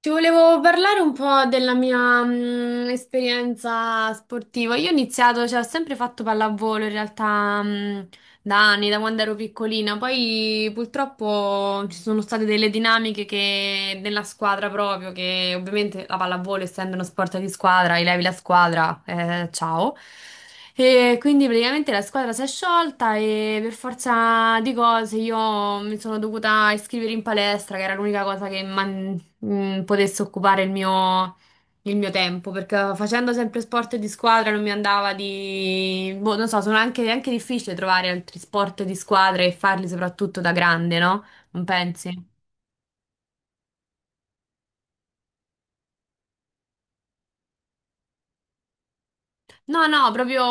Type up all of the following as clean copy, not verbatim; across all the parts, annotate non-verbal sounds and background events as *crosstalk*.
Ti volevo parlare un po' della mia esperienza sportiva. Io ho iniziato, cioè, ho sempre fatto pallavolo in realtà da anni, da quando ero piccolina. Poi purtroppo ci sono state delle dinamiche che, nella squadra proprio, che ovviamente la pallavolo, essendo uno sport di squadra, levi la squadra, ciao. E quindi praticamente la squadra si è sciolta e per forza di cose io mi sono dovuta iscrivere in palestra, che era l'unica cosa che potesse occupare il mio tempo, perché facendo sempre sport di squadra non mi andava di. Boh, non so, è anche difficile trovare altri sport di squadra e farli soprattutto da grande, no? Non pensi? No, no, proprio,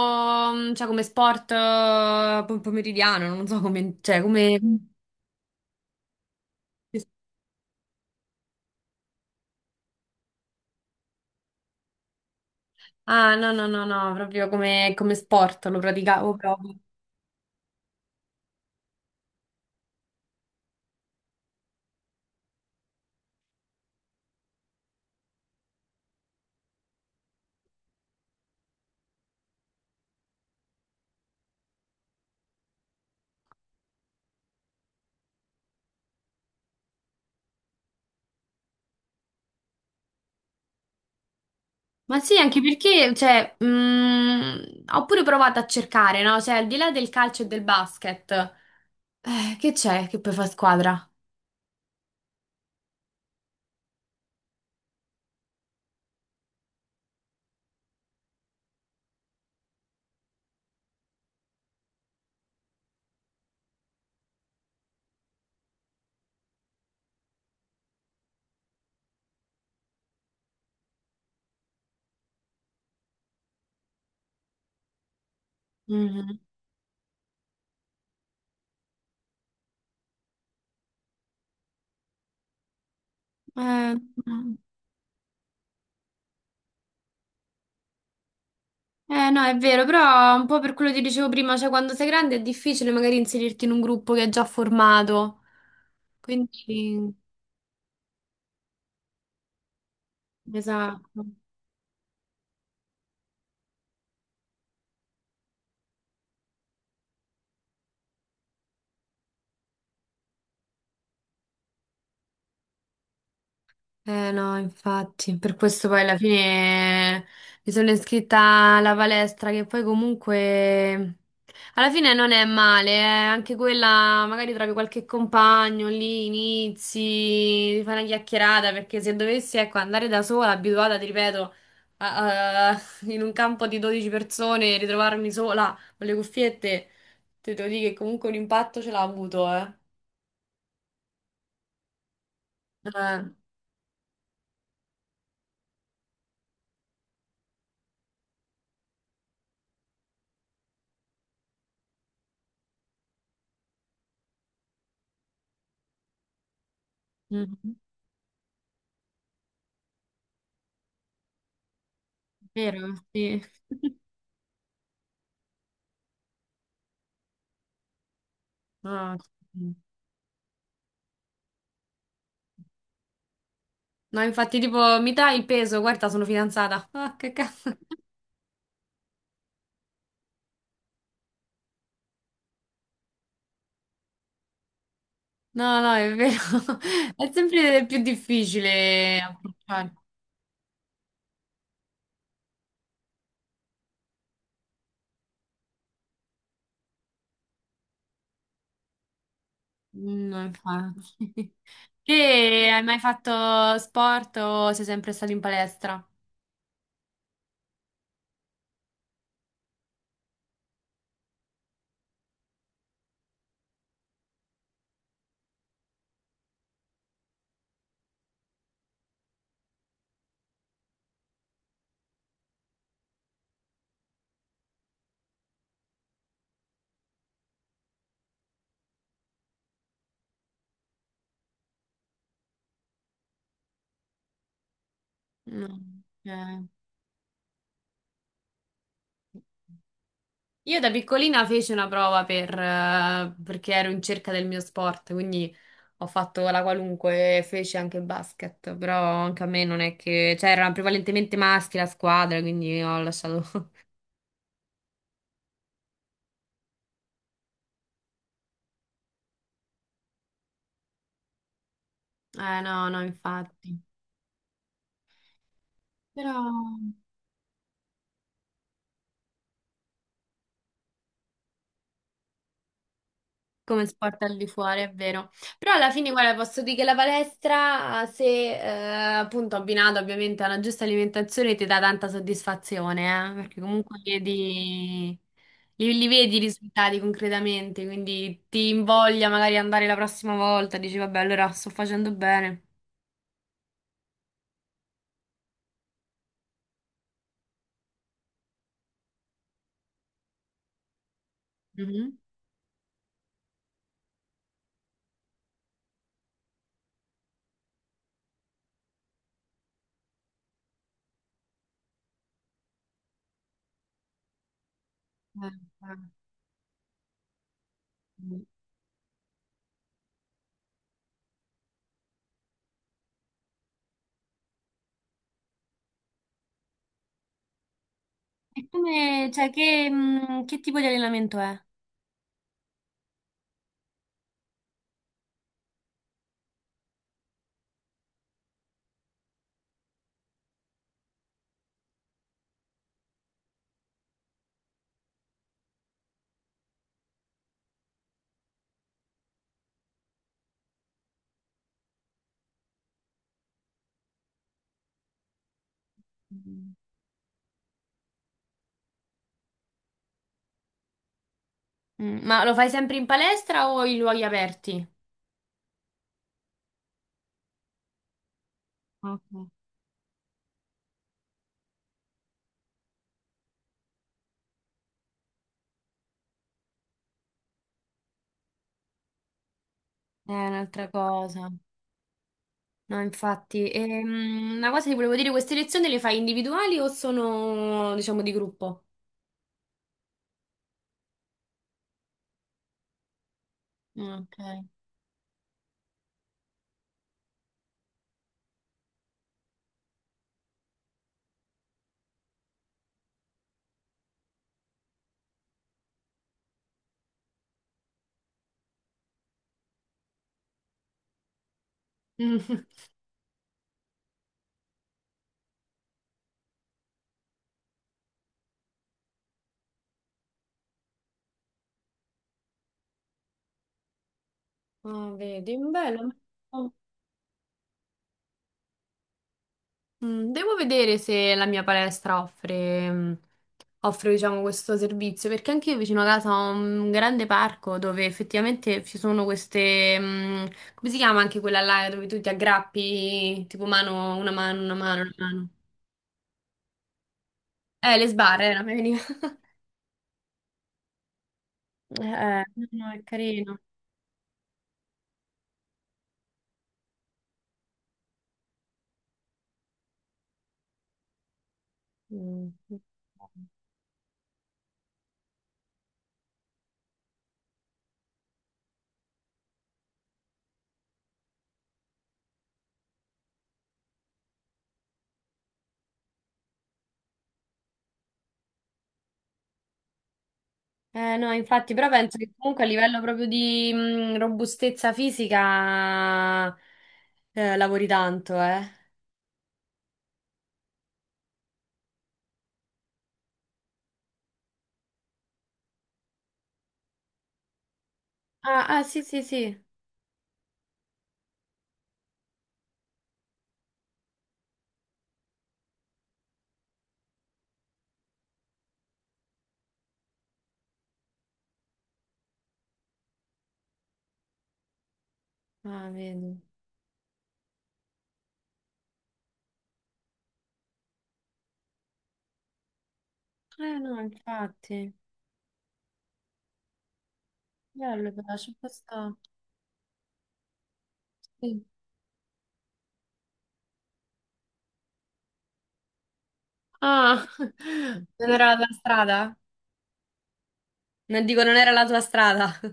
cioè, come sport pomeridiano, non so come, cioè, come. Ah, no, no, no, no, proprio come sport lo praticavo proprio. Ma sì, anche perché, cioè, ho pure provato a cercare, no? Cioè, al di là del calcio e del basket, che c'è che poi fa squadra? Mhm. Eh, no, è vero, però un po' per quello che dicevo prima, cioè, quando sei grande è difficile magari inserirti in un gruppo che è già formato. Quindi, esatto. No, infatti, per questo poi alla fine mi sono iscritta alla palestra che poi comunque alla fine non è male, eh. Anche quella magari trovi qualche compagno lì, inizi, fai una chiacchierata perché se dovessi ecco, andare da sola, abituata, ti ripeto, a- a- *laughs* in un campo di 12 persone, ritrovarmi sola con le cuffiette, te devo dire che comunque un impatto ce l'ha avuto, eh. Eh, mm, Vero, sì. *laughs* Ah, sì. No, infatti, tipo, mi dai il peso, guarda, sono fidanzata. Ah, che cazzo. No, no, è vero. *laughs* È sempre più difficile approcciare. Mm, no, infatti. *laughs* Te hai mai fatto sport o sei sempre stato in palestra? No. Ok. Io da piccolina feci una prova per, perché ero in cerca del mio sport, quindi ho fatto la qualunque, e feci anche basket, però anche a me non è che, cioè erano prevalentemente maschi la squadra, quindi ho lasciato. *laughs* No, no, infatti. Però come sport al di fuori, è vero. Però alla fine, guarda, posso dire che la palestra, se appunto abbinata ovviamente a una giusta alimentazione, ti dà tanta soddisfazione, perché comunque chiedi. Li vedi i risultati concretamente, quindi ti invoglia magari andare la prossima volta, dici vabbè, allora sto facendo bene. Mhm. Eh, eh. E come, cioè, che tipo di allenamento è? Mm. Mm, ma lo fai sempre in palestra o in luoghi aperti? Ok. È un'altra cosa. No, infatti, una cosa ti volevo dire, queste lezioni le fai individuali o sono, diciamo, di gruppo? Ok. *laughs* Ah, vedi, bello. Mm, devo vedere se la mia palestra offre, offre, diciamo, questo servizio, perché anche io vicino a casa ho un grande parco dove effettivamente ci sono queste, come si chiama anche quella là dove tu ti aggrappi, tipo mano, una mano, una mano, una mano. Le sbarre, non mi veniva. *laughs* No, no, è carino. Mm. No, infatti, però penso che comunque a livello proprio di, robustezza fisica, lavori tanto, eh. Ah, ah, sì, sì, sì. Ah, vedi. No, infatti. Bello, però c'è questa. Sì. Ah, *laughs* non era la tua strada? Non dico, non era la tua strada. *laughs*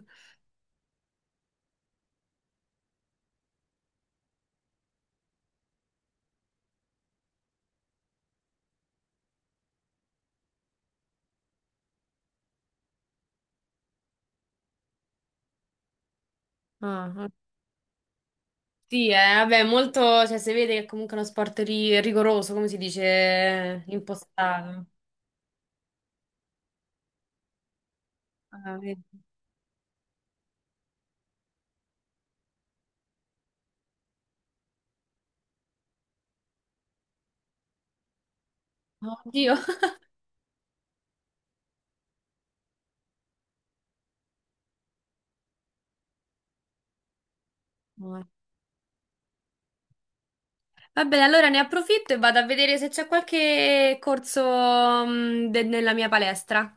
Ah, ah. Sì, vabbè, molto. Cioè, si vede che è comunque uno sport rigoroso, come si dice, impostato. Ah, vedi. Oddio. *laughs* Ah. Va bene, allora ne approfitto e vado a vedere se c'è qualche corso, nella mia palestra.